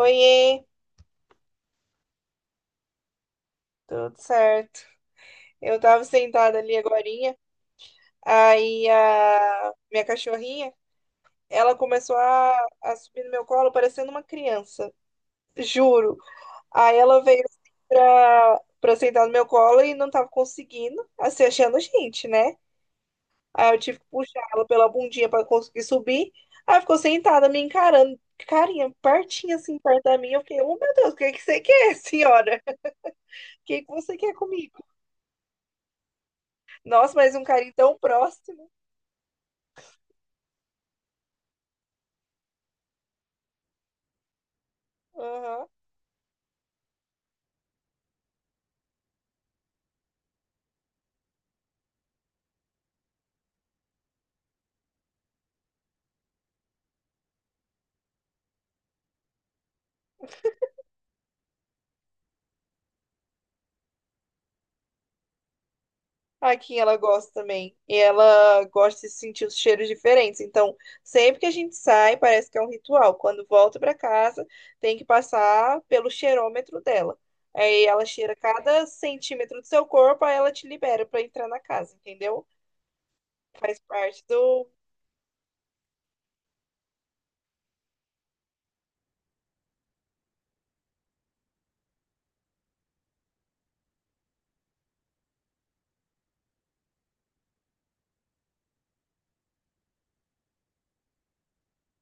Oiê, tudo certo? Eu tava sentada ali agorinha, aí a minha cachorrinha, ela começou a subir no meu colo parecendo uma criança, juro. Aí ela veio assim pra sentar no meu colo e não tava conseguindo, assim, achando gente, né? Aí eu tive que puxar ela pela bundinha pra conseguir subir, aí ficou sentada me encarando, carinha, pertinho assim, perto da minha, eu fiquei, oh meu Deus, o que que você quer, senhora? O que que você quer comigo? Nossa, mas um carinho tão próximo. Aham. A Kim, ela gosta também. E ela gosta de sentir os cheiros diferentes. Então, sempre que a gente sai, parece que é um ritual. Quando volta para casa, tem que passar pelo cheirômetro dela. Aí ela cheira cada centímetro do seu corpo, aí ela te libera para entrar na casa, entendeu? Faz parte do.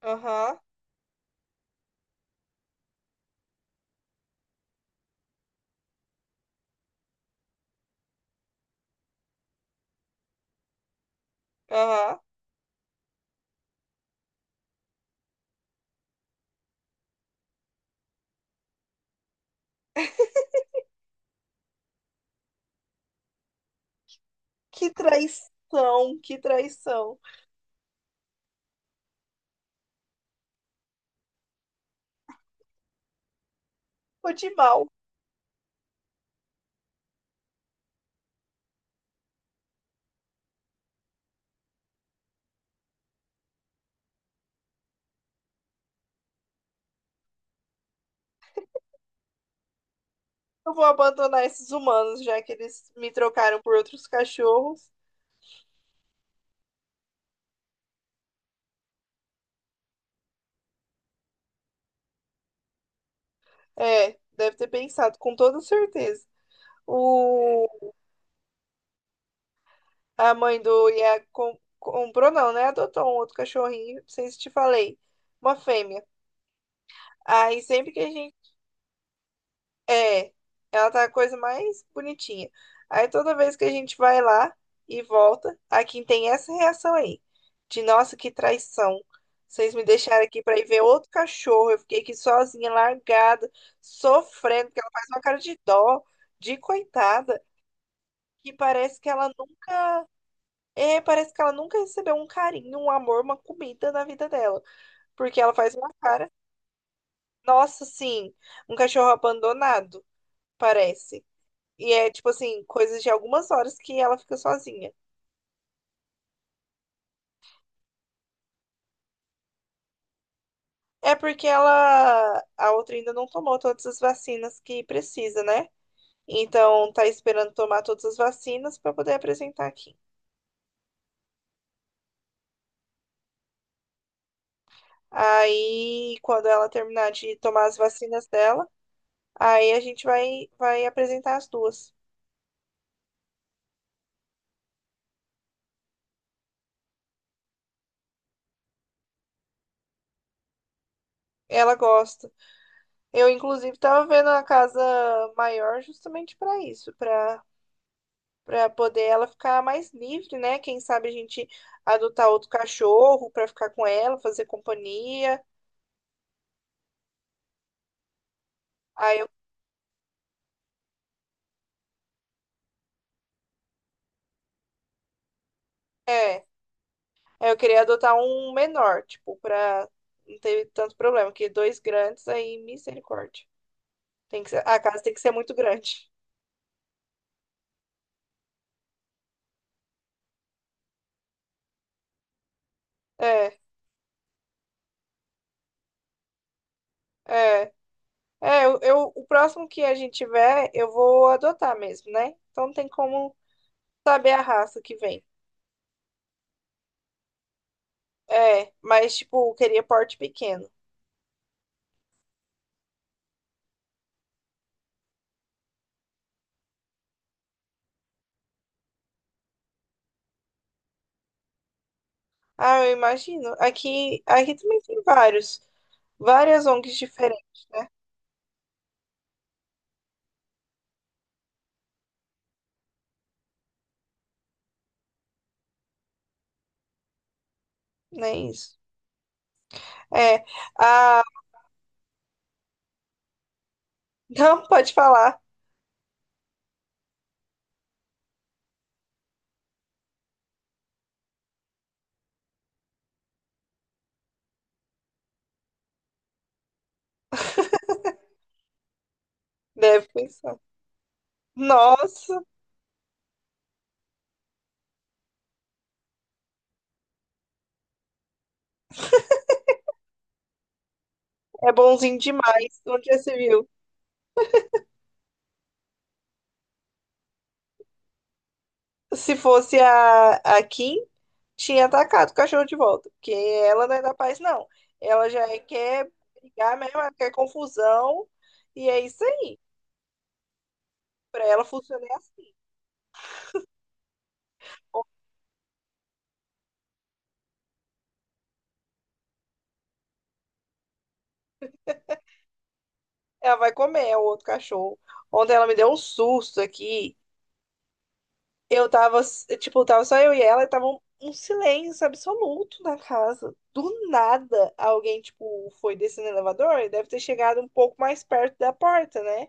Aham, aham. Que traição, que traição. Tô de mal. Eu vou abandonar esses humanos, já que eles me trocaram por outros cachorros. É, deve ter pensado, com toda certeza. O, a mãe do Iago com- comprou, não, né? Adotou um outro cachorrinho, não sei se te falei. Uma fêmea. Aí sempre que a gente. É, ela tá a coisa mais bonitinha. Aí toda vez que a gente vai lá e volta, a Kim tem essa reação aí. De nossa, que traição. Vocês me deixaram aqui pra ir ver outro cachorro. Eu fiquei aqui sozinha, largada, sofrendo, porque ela faz uma cara de dó, de coitada. Que parece que ela nunca. É, parece que ela nunca recebeu um carinho, um amor, uma comida na vida dela. Porque ela faz uma cara. Nossa, sim, um cachorro abandonado, parece. E é tipo assim, coisas de algumas horas que ela fica sozinha. É porque ela, a outra ainda não tomou todas as vacinas que precisa, né? Então tá esperando tomar todas as vacinas pra poder apresentar aqui. Aí, quando ela terminar de tomar as vacinas dela, aí a gente vai apresentar as duas. Ela gosta. Eu, inclusive, tava vendo a casa maior justamente para isso, para poder ela ficar mais livre, né? Quem sabe a gente adotar outro cachorro para ficar com ela, fazer companhia. Aí eu, é, aí eu queria adotar um menor, tipo, para não ter tanto problema, porque dois grandes aí, misericórdia. Tem que ser- a casa tem que ser muito grande. É, é. É, o próximo que a gente tiver, eu vou adotar mesmo, né? Então não tem como saber a raça que vem. É, mas tipo, queria porte pequeno. Ah, eu imagino. Aqui também tem vários, várias ONGs diferentes, né? Nem isso. É, ah, não, pode falar. Deve pensar. Nossa, é bonzinho demais. Onde já se viu? Se fosse a Kim, tinha atacado o cachorro de volta. Porque ela não é da paz, não. Ela já é- quer brigar mesmo, ela quer confusão. E é isso aí. Pra ela funciona é assim. Ela vai comer, é o outro cachorro. Ontem ela me deu um susto aqui. Eu tava, tipo, tava só eu e ela, e tava um silêncio absoluto na casa. Do nada, alguém, tipo, foi descendo o elevador e deve ter chegado um pouco mais perto da porta, né?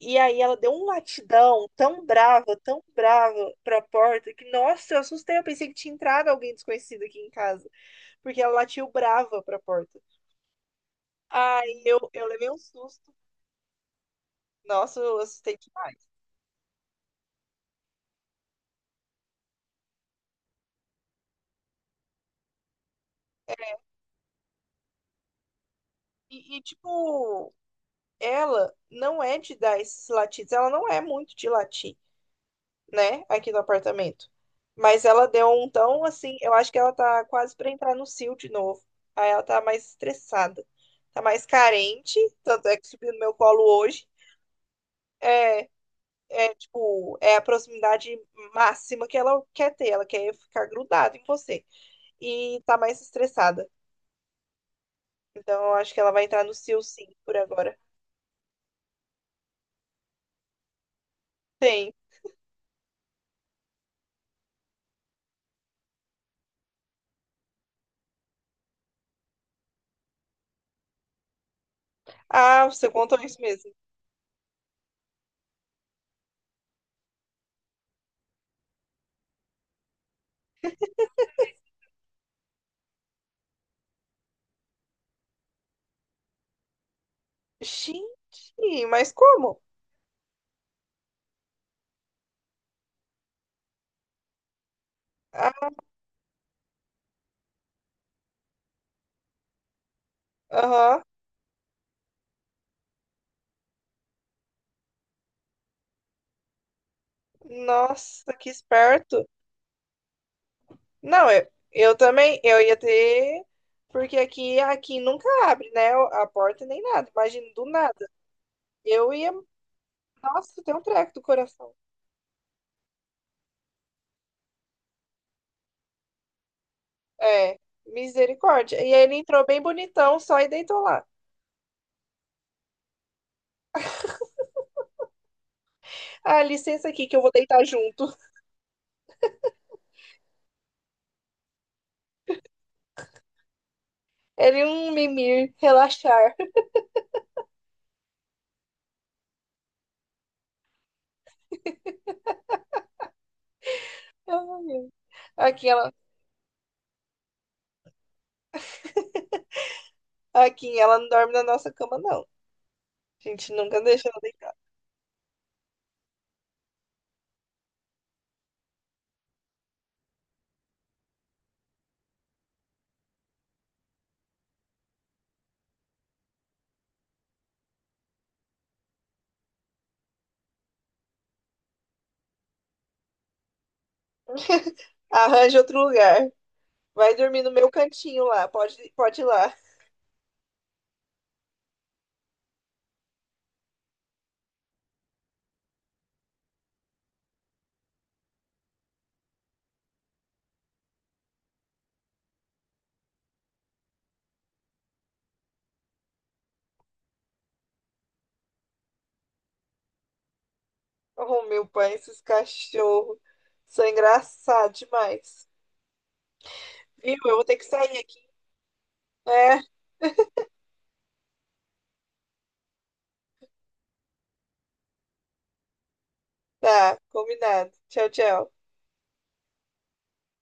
E aí ela deu um latidão tão brava pra porta que, nossa, eu assustei. Eu pensei que tinha entrado alguém desconhecido aqui em casa, porque ela latiu brava pra porta. Aí eu levei um susto. Nossa, eu assustei demais. Tipo, ela não é de dar esses latidos, ela não é muito de latir, né, aqui no apartamento. Mas ela deu um tão assim, eu acho que ela tá quase pra entrar no cio de novo. Aí ela tá mais estressada, tá mais carente, tanto é que subiu no meu colo hoje. É, é tipo, é a proximidade máxima que ela quer ter, ela quer ficar grudada em você. E tá mais estressada. Então eu acho que ela vai entrar no cio sim por agora. Tem. Ah, você contou isso mesmo. Gente, mas como? Ah, aham. Nossa, que esperto. Não, eu também, eu ia ter, porque aqui nunca abre, né? A porta nem nada. Imagina, do nada. Eu ia, nossa, tem um treco do coração. É, misericórdia. E aí ele entrou bem bonitão, só e deitou lá. Ah, licença aqui que eu vou deitar junto. Ele, um mimir, relaxar. Ai, ai. Aqui ela, aqui ela não dorme na nossa cama, não. A gente nunca deixa ela deitar. Arranja outro lugar. Vai dormir no meu cantinho lá. Pode ir lá. Oh, meu pai, esses cachorros são engraçados demais. Viu? Eu vou ter que sair aqui. É, tá, combinado. Tchau, tchau.